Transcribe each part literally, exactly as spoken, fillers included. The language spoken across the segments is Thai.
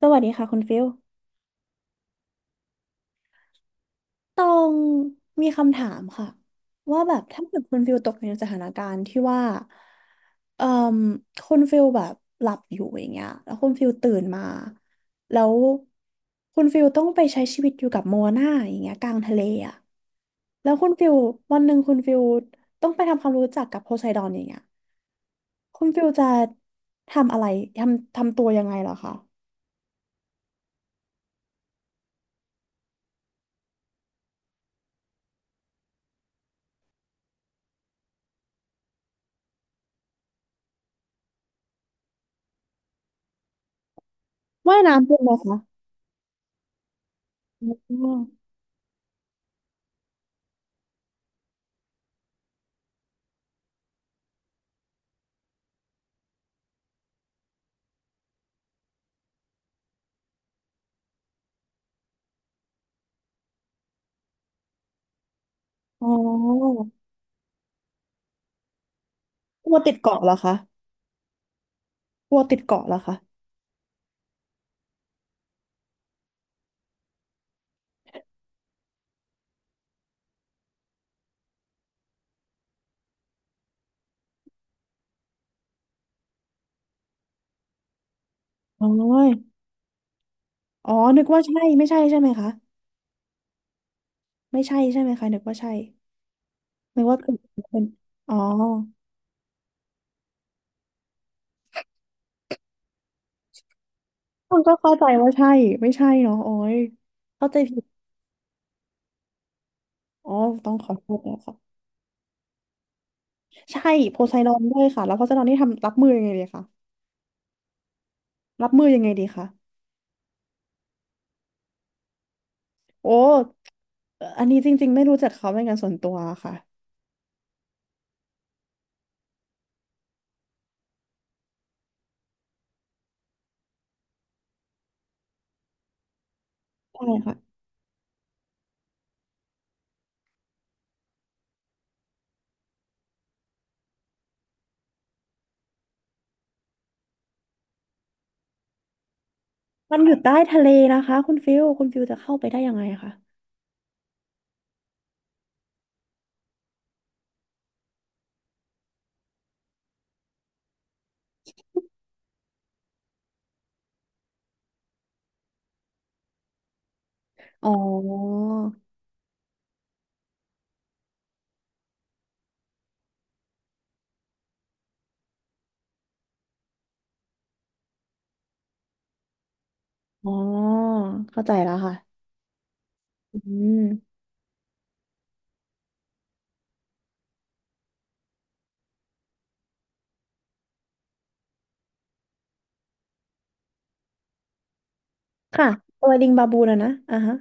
สวัสดีค่ะคุณฟิลตองมีคำถามค่ะว่าแบบถ้าเกิดคุณฟิลตกอยู่ในสถานการณ์ที่ว่าเอ่อคุณฟิลแบบหลับอยู่อย่างเงี้ยแล้วคุณฟิลตื่นมาแล้วคุณฟิลต้องไปใช้ชีวิตอยู่กับโมนาอย่างเงี้ยกลางทะเลอ่ะแล้วคุณฟิลวันหนึ่งคุณฟิลต้องไปทำความรู้จักกับโพไซดอนอย่างเงี้ยคุณฟิลจะทำอะไรทำทำตัวยังไงเหรอคะว่ายน้ำเป็นไหมคะอ๋ออ๋อ กลัวติดเกาะเหรอคะกลัวติดเกาะเหรอคะอ๋ออ๋อนึกว่าใช่ไม่ใช่ใช่ไหมคะ ไม่ใช่ใช่ไหมคะนึกว่าใช่นึกว่าเป็นเป็นอ๋อต้องก็เข้าใจว่าใช่ ไม่ใช่เนาะโอ้ยเข้าใจผิดอ๋อต้องขอโทษนะคะใช่โพไซดอนด้วยค่ะแล้วโพไซดอนนี่ทำรับมือยังไงดีคะรับมือยังไงดีคะโอ้เอ่ออันนี้จริงๆไม่รู้จักเขาเป็นการส่วนตัวค่ะใช่ค่ะมันอยู่ใต้ทะเลนะคะคุณฟิลคุณฟิลจะเข้าไปได้ยังไงคะอ๋อ อ๋อเข้าใจแล้วค่ะอืมค่ะตัวลิงบาบูนะนะอ่าฮะ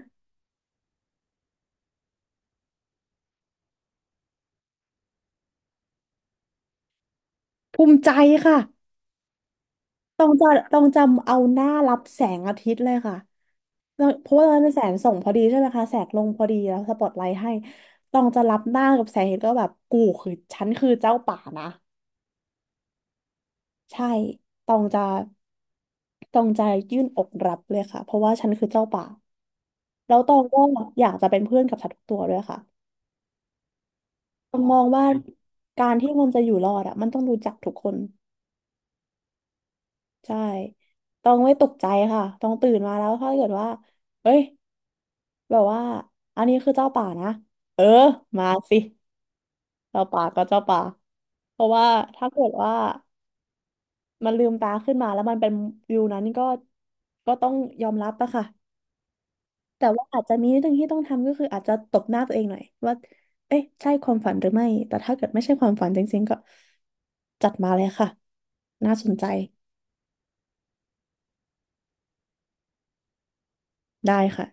ภูมิใจค่ะต้องจะต้องจำเอาหน้ารับแสงอาทิตย์เลยค่ะแล้วเพราะว่าตอนนั้นเป็นแสงส่องพอดีใช่ไหมคะแสงลงพอดีแล้วสปอตไลท์ให้ต้องจะรับหน้ากับแสงเห็นก็แบบกูคือฉันคือเจ้าป่านะใช่ต้องจะต้องจะยื่นอกรับเลยค่ะเพราะว่าฉันคือเจ้าป่าแล้วตองก็อยากจะเป็นเพื่อนกับสัตว์ทุกตัวด้วยค่ะ ต้องมองว่าการที่มันจะอยู่รอดอ่ะมันต้องรู้จักทุกคนใช่ต้องไม่ตกใจค่ะต้องตื่นมาแล้วถ้าเกิดว่าเอ้ยแบบว่าอันนี้คือเจ้าป่านะเออมาสิเจ้าป่าก็เจ้าป่าเพราะว่าถ้าเกิดว่ามันลืมตาขึ้นมาแล้วมันเป็นวิวนั้นก็ก็ต้องยอมรับอะค่ะ แต่ว่าอาจจะมีนิดนึงที่ต้องทำก็คืออาจจะตบหน้าตัวเองหน่อยว่าเอ๊ะใช่ความฝันหรือไม่แต่ถ้าเกิดไม่ใช่ความฝันจริงๆก็จัดมาเลยค่ะน่าสนใจได้ค่ะ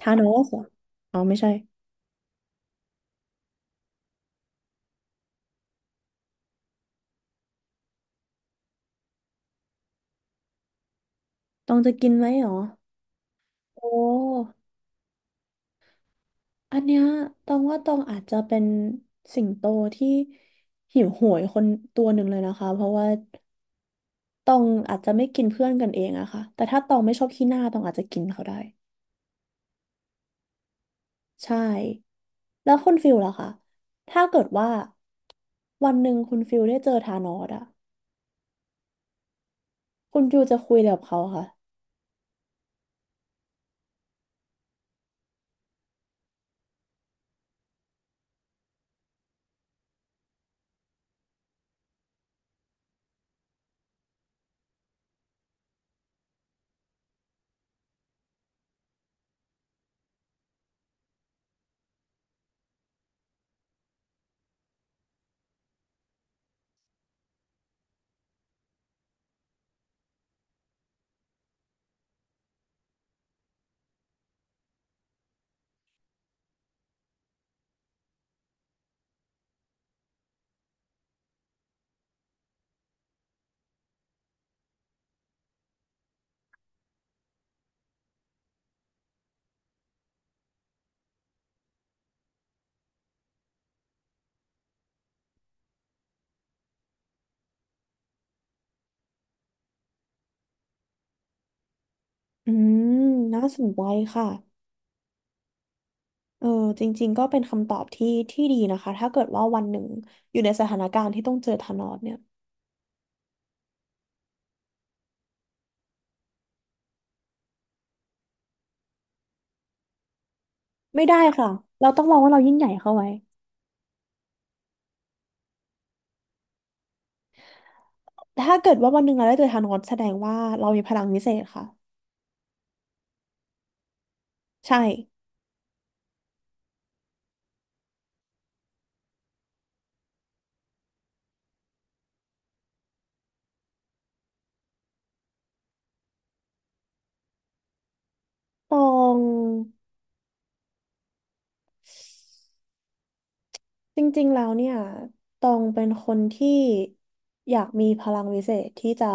ทานอสเหรออ๋อไม่ใช่ต้องจะกินไหมเหรอโอ้อันเนี้ยตองว่าตองอาจจะเป็นสิงโตที่หิวโหยคนตัวหนึ่งเลยนะคะเพราะว่าตองอาจจะไม่กินเพื่อนกันเองอะค่ะแต่ถ้าตองไม่ชอบขี้หน้าตองอาจจะกินเขาได้ ใช่แล้วคุณฟิลล่ะคะถ้าเกิดว่าวันหนึ่งคุณฟิลได้เจอธานอสอะคุณฟิลจะคุยอะไรกับเขาค่ะอืมน่าสนใจค่ะเออจริงๆก็เป็นคำตอบที่ที่ดีนะคะถ้าเกิดว่าวันหนึ่งอยู่ในสถานการณ์ที่ต้องเจอธานอสเนี่ยไม่ได้ค่ะเราต้องมองว่าเรายิ่งใหญ่เข้าไว้ถ้าเกิดว่าวันหนึ่งเราได้เจอธานอสแสดงว่าเรามีพลังวิเศษค่ะใช่ตอง จริงๆ แล้วเนี่ย ตองเป็นคนที่อยากมีพลังวิเศษที่จะ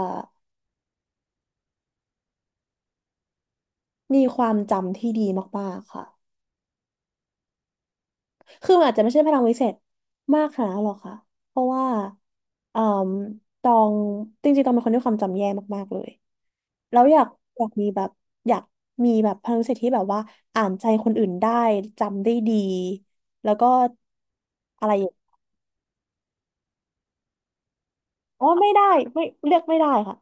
มีความจำที่ดีมากๆค่ะคือมันอาจจะไม่ใช่พลังวิเศษมากขนาดนั้นหรอกค่ะเพราะว่าเอ่มตองจริงๆตองเป็นคนที่ความจำแย่มากๆ เลย แล้วอยากอยากมีแบบอยากมีแบบพลังวิเศษที่แบบว่าอ่านใจคนอื่นได้จำได้ดีแล้วก็อะไรอย่างอ๋อไม่ได้ไม่เลือกไม่ได้ค่ะ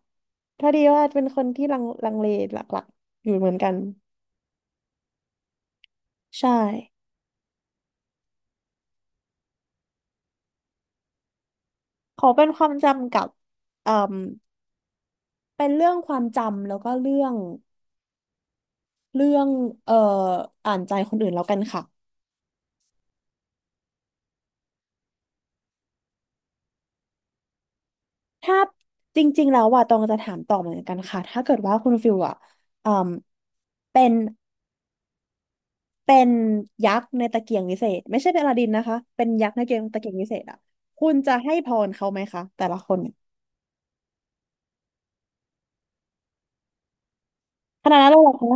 พอดีว่าเป็นคนที่ลังลังเลหลักๆอยู่เหมือนกันใช่ขอเป็นความจำกับเอ่มเป็นเรื่องความจำแล้วก็เรื่องเรื่องเอ่ออ่านใจคนอื่นแล้วกันค่ะถ้าจริงๆแล้วว่าตองจะถามต่อเหมือนกันค่ะถ้าเกิดว่าคุณฟิลอ่ะเอ่มเป็นเป็นยักษ์ในตะเกียงวิเศษไม่ใช่เป็นอลาดินนะคะเป็นยักษ์ในเกมตะเกียงวิเศษอ่ะคุณจะให้พรเขาไหมคะแต่ละคนขนาดนั้นเลยเหรอคะ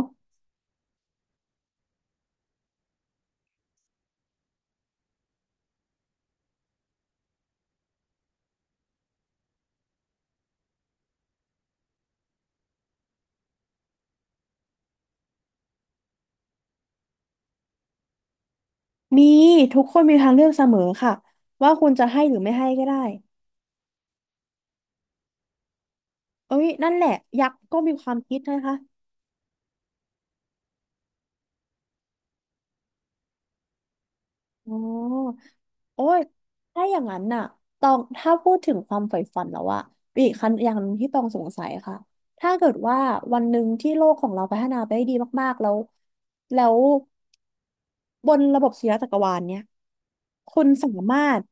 มีทุกคนมีทางเลือกเสมอค่ะว่าคุณจะให้หรือไม่ให้ก็ได้เอ้ยนั่นแหละยักษ์ก็มีความคิดนะคะอ๋อโอ้ยถ้าอย่างนั้นน่ะตองถ้าพูดถึงความใฝ่ฝันแล้วอะมีอีกคันอย่างหนึ่งที่ตองสงสัยค่ะถ้าเกิดว่าวันหนึ่งที่โลกของเราพัฒนาไปได้ดีมากๆแล้วแล้วบนระบบสุริยะจักรวาลเนี่ยคุณสามารถ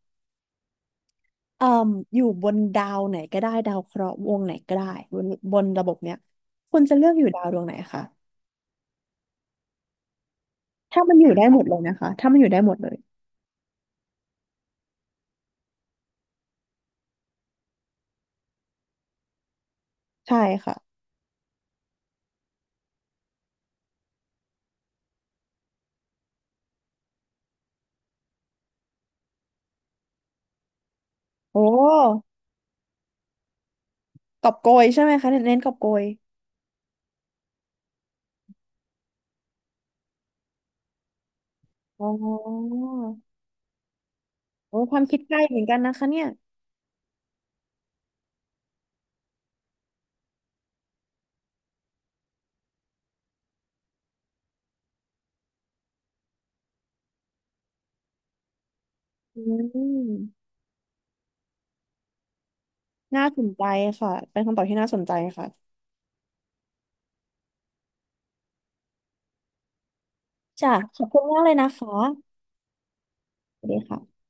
เอ่มอยู่บนดาวไหนก็ได้ดาวเคราะห์วงไหนก็ได้บนบนระบบเนี้ยคุณจะเลือกอยู่ดาวดวงไหนคะ ถ้ามันอยู่ได้หมดเลยนะคะถ้ามันอยู่ได้หมดเลยใช่ค่ะโอ้กอบโกยใช่ไหมคะเน้นกอบโกยอ๋อโอ้ความคิดใกล้เหมือนกันนะคะเนี่ยอืมน่าสนใจค่ะเป็นคำตอบที่น่าสนใจค่ะจ้ะขอบคุณมากเลยนะคะสวัสดีค่ะ